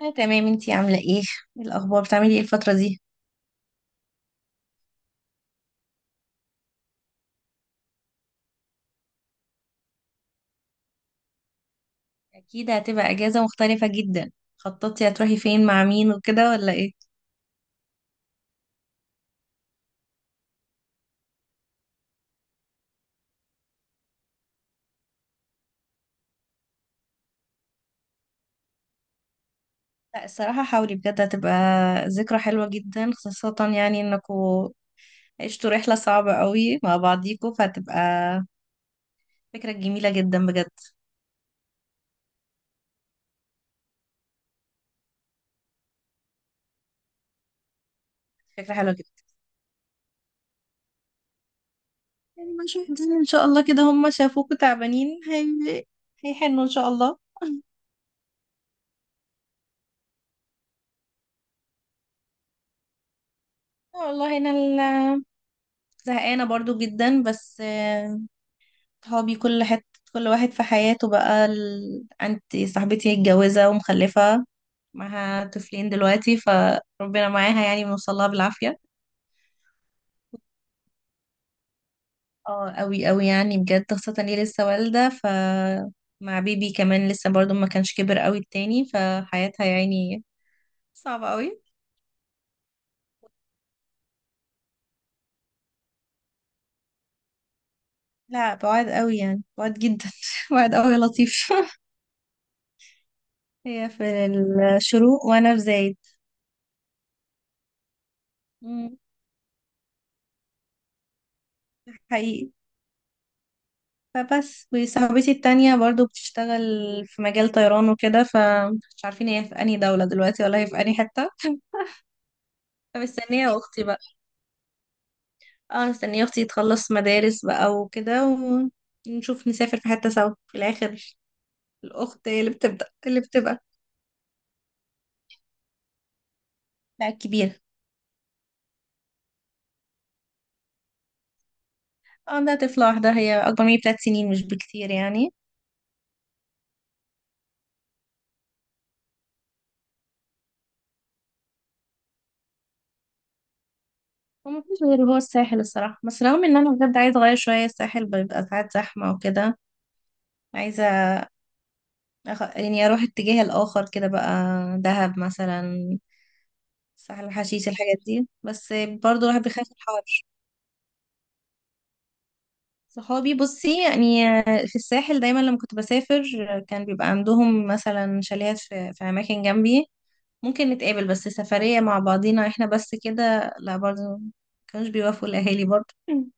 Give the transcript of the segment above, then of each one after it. أنا تمام، انتي عاملة ايه؟ ايه الأخبار، بتعملي ايه الفترة دي؟ أكيد هتبقى أجازة مختلفة جدا. خططتي هتروحي فين مع مين وكده ولا ايه؟ لا الصراحة حاولي بجد، هتبقى ذكرى حلوة جدا، خاصة يعني انكوا عشتوا رحلة صعبة قوي مع بعضيكوا، فهتبقى فكرة جميلة جدا بجد. فكرة حلوة جدا. يعني مشاهدين ان شاء الله كده هم شافوكوا تعبانين، هيحنوا ان شاء الله. والله انا زهقانة برضو جدا. بس صحابي كل حتة، كل واحد في حياته بقى عندي صاحبتي متجوزة ومخلفة، معاها طفلين دلوقتي، فربنا معاها يعني، بنوصلها بالعافية. اه قوي قوي يعني بجد، خاصة اني لسه والدة مع بيبي كمان لسه، برضو ما كانش كبر قوي التاني، فحياتها يعني صعبة قوي. لا بعاد قوي يعني، بعاد جدا بعاد قوي يا لطيف. هي في الشروق وانا في زايد. مم. حقيقي. فبس، وصاحبتي التانية برضو بتشتغل في مجال طيران وكده، فمش عارفين هي في أنهي دولة دلوقتي ولا هي في أنهي حتة. فمستنية أختي بقى. اه مستنية أختي تخلص مدارس بقى وكده، ونشوف نسافر في حتة سوا في الآخر. الأخت هي اللي بتبدأ اللي بتبقى. لا كبيرة. اه عندها طفلة واحدة، هي أكبر مني ب3 سنين، مش بكتير يعني. ومفيش غير هو الساحل الصراحة، بس رغم إن أنا بجد عايزة أغير شوية، الساحل بيبقى ساعات زحمة وكده. عايزة يعني اروح اتجاه الاخر كده بقى، دهب مثلا، ساحل الحشيش، الحاجات دي بس. برضو الواحد بيخاف من الحر. صحابي بصي يعني، في الساحل دايما لما كنت بسافر كان بيبقى عندهم مثلا شاليهات في اماكن جنبي، ممكن نتقابل، بس سفرية مع بعضينا احنا بس كده، لا برضو كانوش بيوافقوا الاهالي برضو. مم.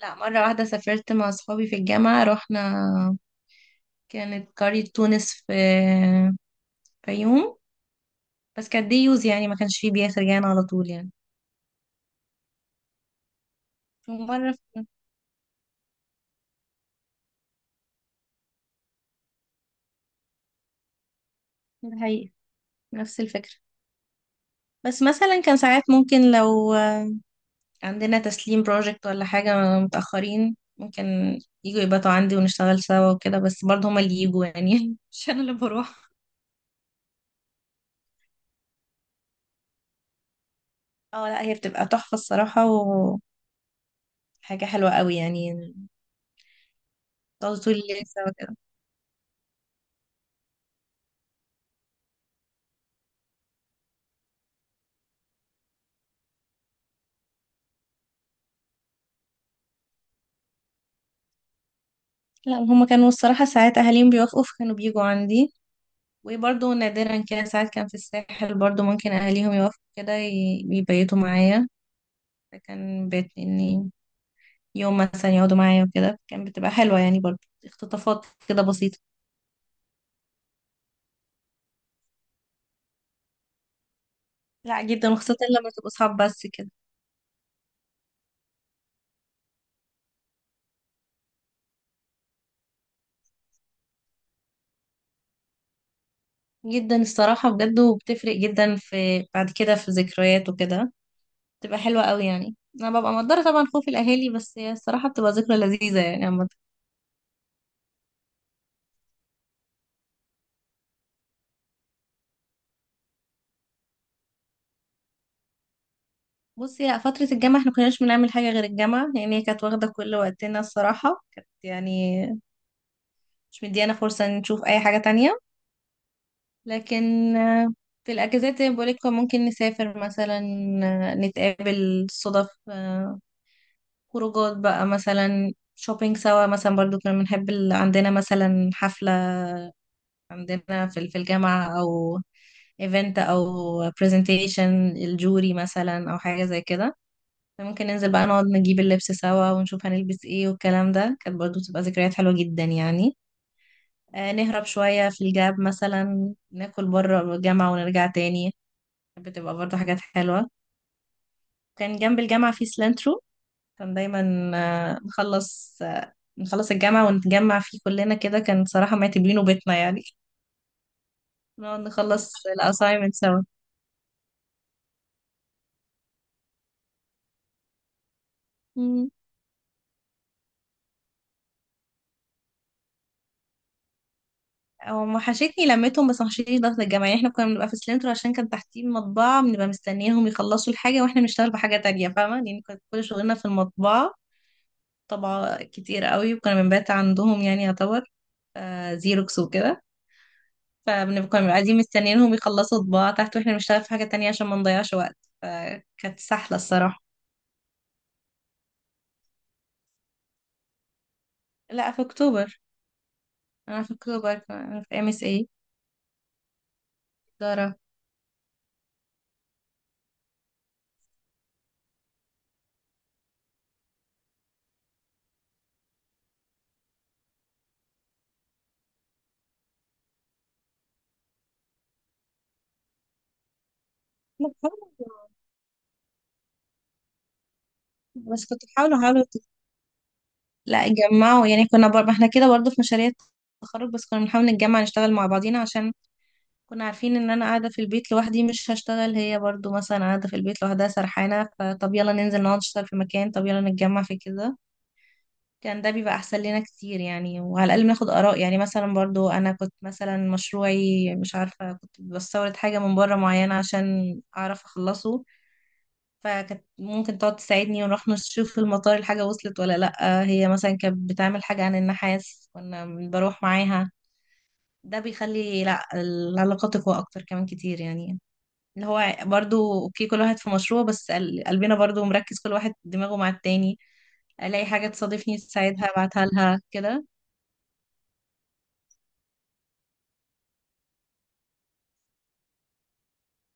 لا مرة واحدة سافرت مع صحابي في الجامعة، رحنا كانت قرية تونس في يوم، بس كانت دي يوز يعني، ما كانش فيه بياسر جانا على طول يعني. ومرة في الحقيقة نفس الفكرة، بس مثلا كان ساعات ممكن لو عندنا تسليم بروجكت ولا حاجة متأخرين، ممكن يجوا يباتوا عندي ونشتغل سوا وكده، بس برضه هما اللي يجوا يعني مش أنا اللي بروح. اه لا هي بتبقى تحفة الصراحة، وحاجة حلوة قوي يعني. تقعدوا طول الليل سوا كده. لا هما كانوا الصراحة ساعات أهاليهم بيوافقوا، فكانوا بيجوا عندي، وبرضه نادرا كده، ساعات كان في الساحل برضه ممكن أهاليهم يوافقوا كده، يبيتوا معايا، فكان بيت إني يوم مثلا يقعدوا معايا وكده، كان بتبقى حلوة يعني برضه، اختطافات كده بسيطة. لا جدا، وخاصة لما تبقوا صحاب بس كده. جدا الصراحة بجد، وبتفرق جدا في بعد كده في ذكريات وكده، بتبقى حلوة قوي يعني، أنا ببقى مقدرة طبعا خوف الأهالي، بس هي الصراحة بتبقى ذكرى لذيذة يعني عامة. بصي لا فترة الجامعة احنا كناش بنعمل حاجة غير الجامعة يعني، هي كانت واخدة كل وقتنا الصراحة، كانت يعني مش مديانا فرصة إن نشوف أي حاجة تانية. لكن في الأجازات زي ما بقولك ممكن نسافر مثلا، نتقابل صدف، خروجات بقى مثلا، شوبينج سوا مثلا، برضو كنا بنحب عندنا مثلا حفلة عندنا في الجامعة، أو ايفنت، أو برزنتيشن الجوري مثلا، أو حاجة زي كده، ممكن ننزل بقى نقعد نجيب اللبس سوا ونشوف هنلبس ايه، والكلام ده كانت برضو بتبقى ذكريات حلوة جدا يعني. نهرب شوية في الجاب مثلا ناكل بره الجامعة ونرجع تاني، بتبقى برضه حاجات حلوة. كان جنب الجامعة في سلانترو، كان دايما نخلص الجامعة ونتجمع فيه كلنا كده، كان صراحة معتبرينه بيتنا يعني، نقعد نخلص الأسايمنت سوا. مم. هو وحشتني لمتهم، بس وحشتني ضغط الجامعة يعني، احنا كنا بنبقى في سلانترو عشان كان تحتيه مطبعة، بنبقى مستنيينهم يخلصوا الحاجة واحنا بنشتغل بحاجة تانية فاهمة يعني، كانت كل شغلنا في المطبعة، طبعة كتير قوي، وكنا بنبات عندهم يعني يعتبر، زيروكس وكده، فبنبقى قاعدين مستنيينهم يخلصوا طباعة تحت واحنا بنشتغل في حاجة تانية عشان ما نضيعش وقت، فكانت سحلة الصراحة. لا في أكتوبر. أنا في أكتوبر، أنا في MSA إدارة. لا، بس كنت أحاول. لا جمعوا يعني، كنا ما احنا كده برضه في مشاريع التخرج، بس كنا بنحاول نتجمع نشتغل مع بعضينا عشان كنا عارفين ان انا قاعدة في البيت لوحدي مش هشتغل، هي برضو مثلا قاعدة في البيت لوحدها سرحانة، فطب يلا ننزل نقعد نشتغل في مكان، طب يلا نتجمع في كده، كان ده بيبقى احسن لنا كتير يعني. وعلى الاقل بناخد اراء، يعني مثلا برضو انا كنت مثلا مشروعي، مش عارفة كنت بستورد حاجة من بره معينة عشان اعرف اخلصه، فكانت ممكن تقعد تساعدني ونروح نشوف في المطار الحاجة وصلت ولا لأ، هي مثلا كانت بتعمل حاجة عن النحاس كنا بروح معاها، ده بيخلي لأ العلاقات تقوى اكتر كمان كتير يعني، اللي هو برضو اوكي كل واحد في مشروع، بس قلبنا برضو مركز، كل واحد دماغه مع التاني، الاقي حاجة تصادفني تساعدها ابعتها لها كده.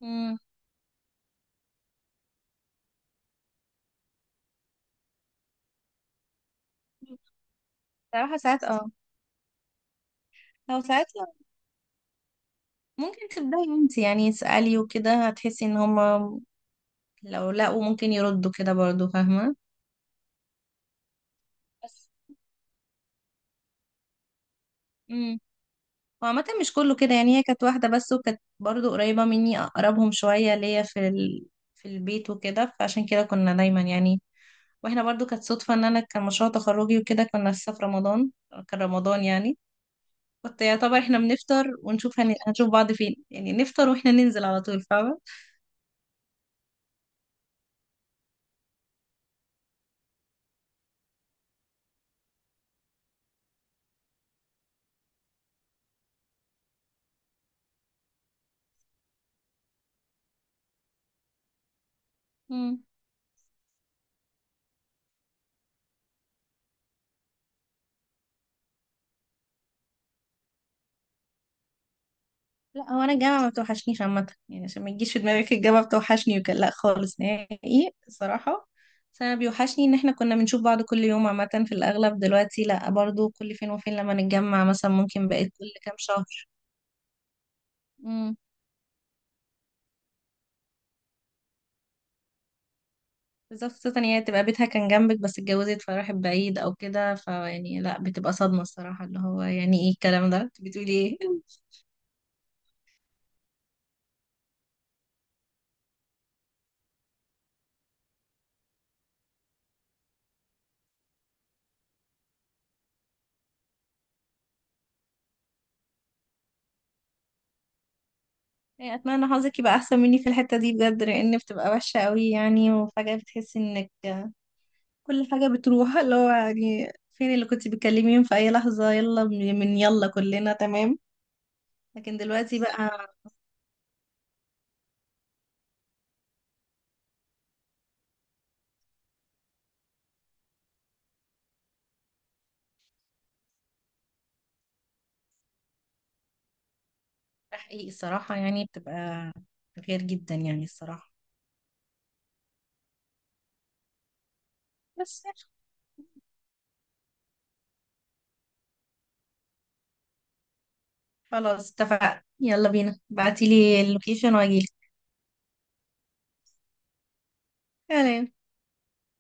امم. صراحة ساعات اه، او ساعات لا، ممكن تبدأي انت يعني اسألي وكده، هتحسي ان هما لو لقوا ممكن يردوا كده برضو فاهمة. بس. امم. وعامة مش كله كده يعني، هي كانت واحدة بس، وكانت برضو قريبة مني اقربهم شوية ليا في البيت وكده، فعشان كده كنا دايما يعني، واحنا برضو كانت صدفة ان انا كان مشروع تخرجي وكده، كنا لسه في رمضان، كان رمضان يعني، كنت يعتبر احنا بنفطر ونشوف هنشوف بعض فين يعني، نفطر واحنا ننزل على طول فاهمة. مم. لا هو انا الجامعة ما بتوحشنيش عامة يعني، عشان ما يجيش في دماغك الجامعة بتوحشني، وكان لا خالص نهائي الصراحة. بس انا بيوحشني ان احنا كنا بنشوف بعض كل يوم عامة في الاغلب، دلوقتي لا برضو كل فين وفين لما نتجمع مثلا، ممكن بقيت كل كام شهر. بالظبط، خصوصا هي تبقى بيتها كان جنبك بس اتجوزت فراحت بعيد او كده، فيعني لا بتبقى صدمة الصراحة، اللي هو يعني ايه الكلام ده، انت بتقولي ايه؟ يعني اتمنى حظك يبقى احسن مني في الحتة دي بجد، لان بتبقى وحشة قوي يعني، وفجأة بتحسي انك كل حاجة بتروح، اللي هو يعني فين اللي كنت بتكلميهم في اي لحظة، يلا من يلا كلنا تمام. لكن دلوقتي بقى، تحقيق الصراحة يعني، بتبقى غير جدا يعني الصراحة. بس خلاص اتفقنا، يلا بينا بعتيلي اللوكيشن واجيلك. تمام.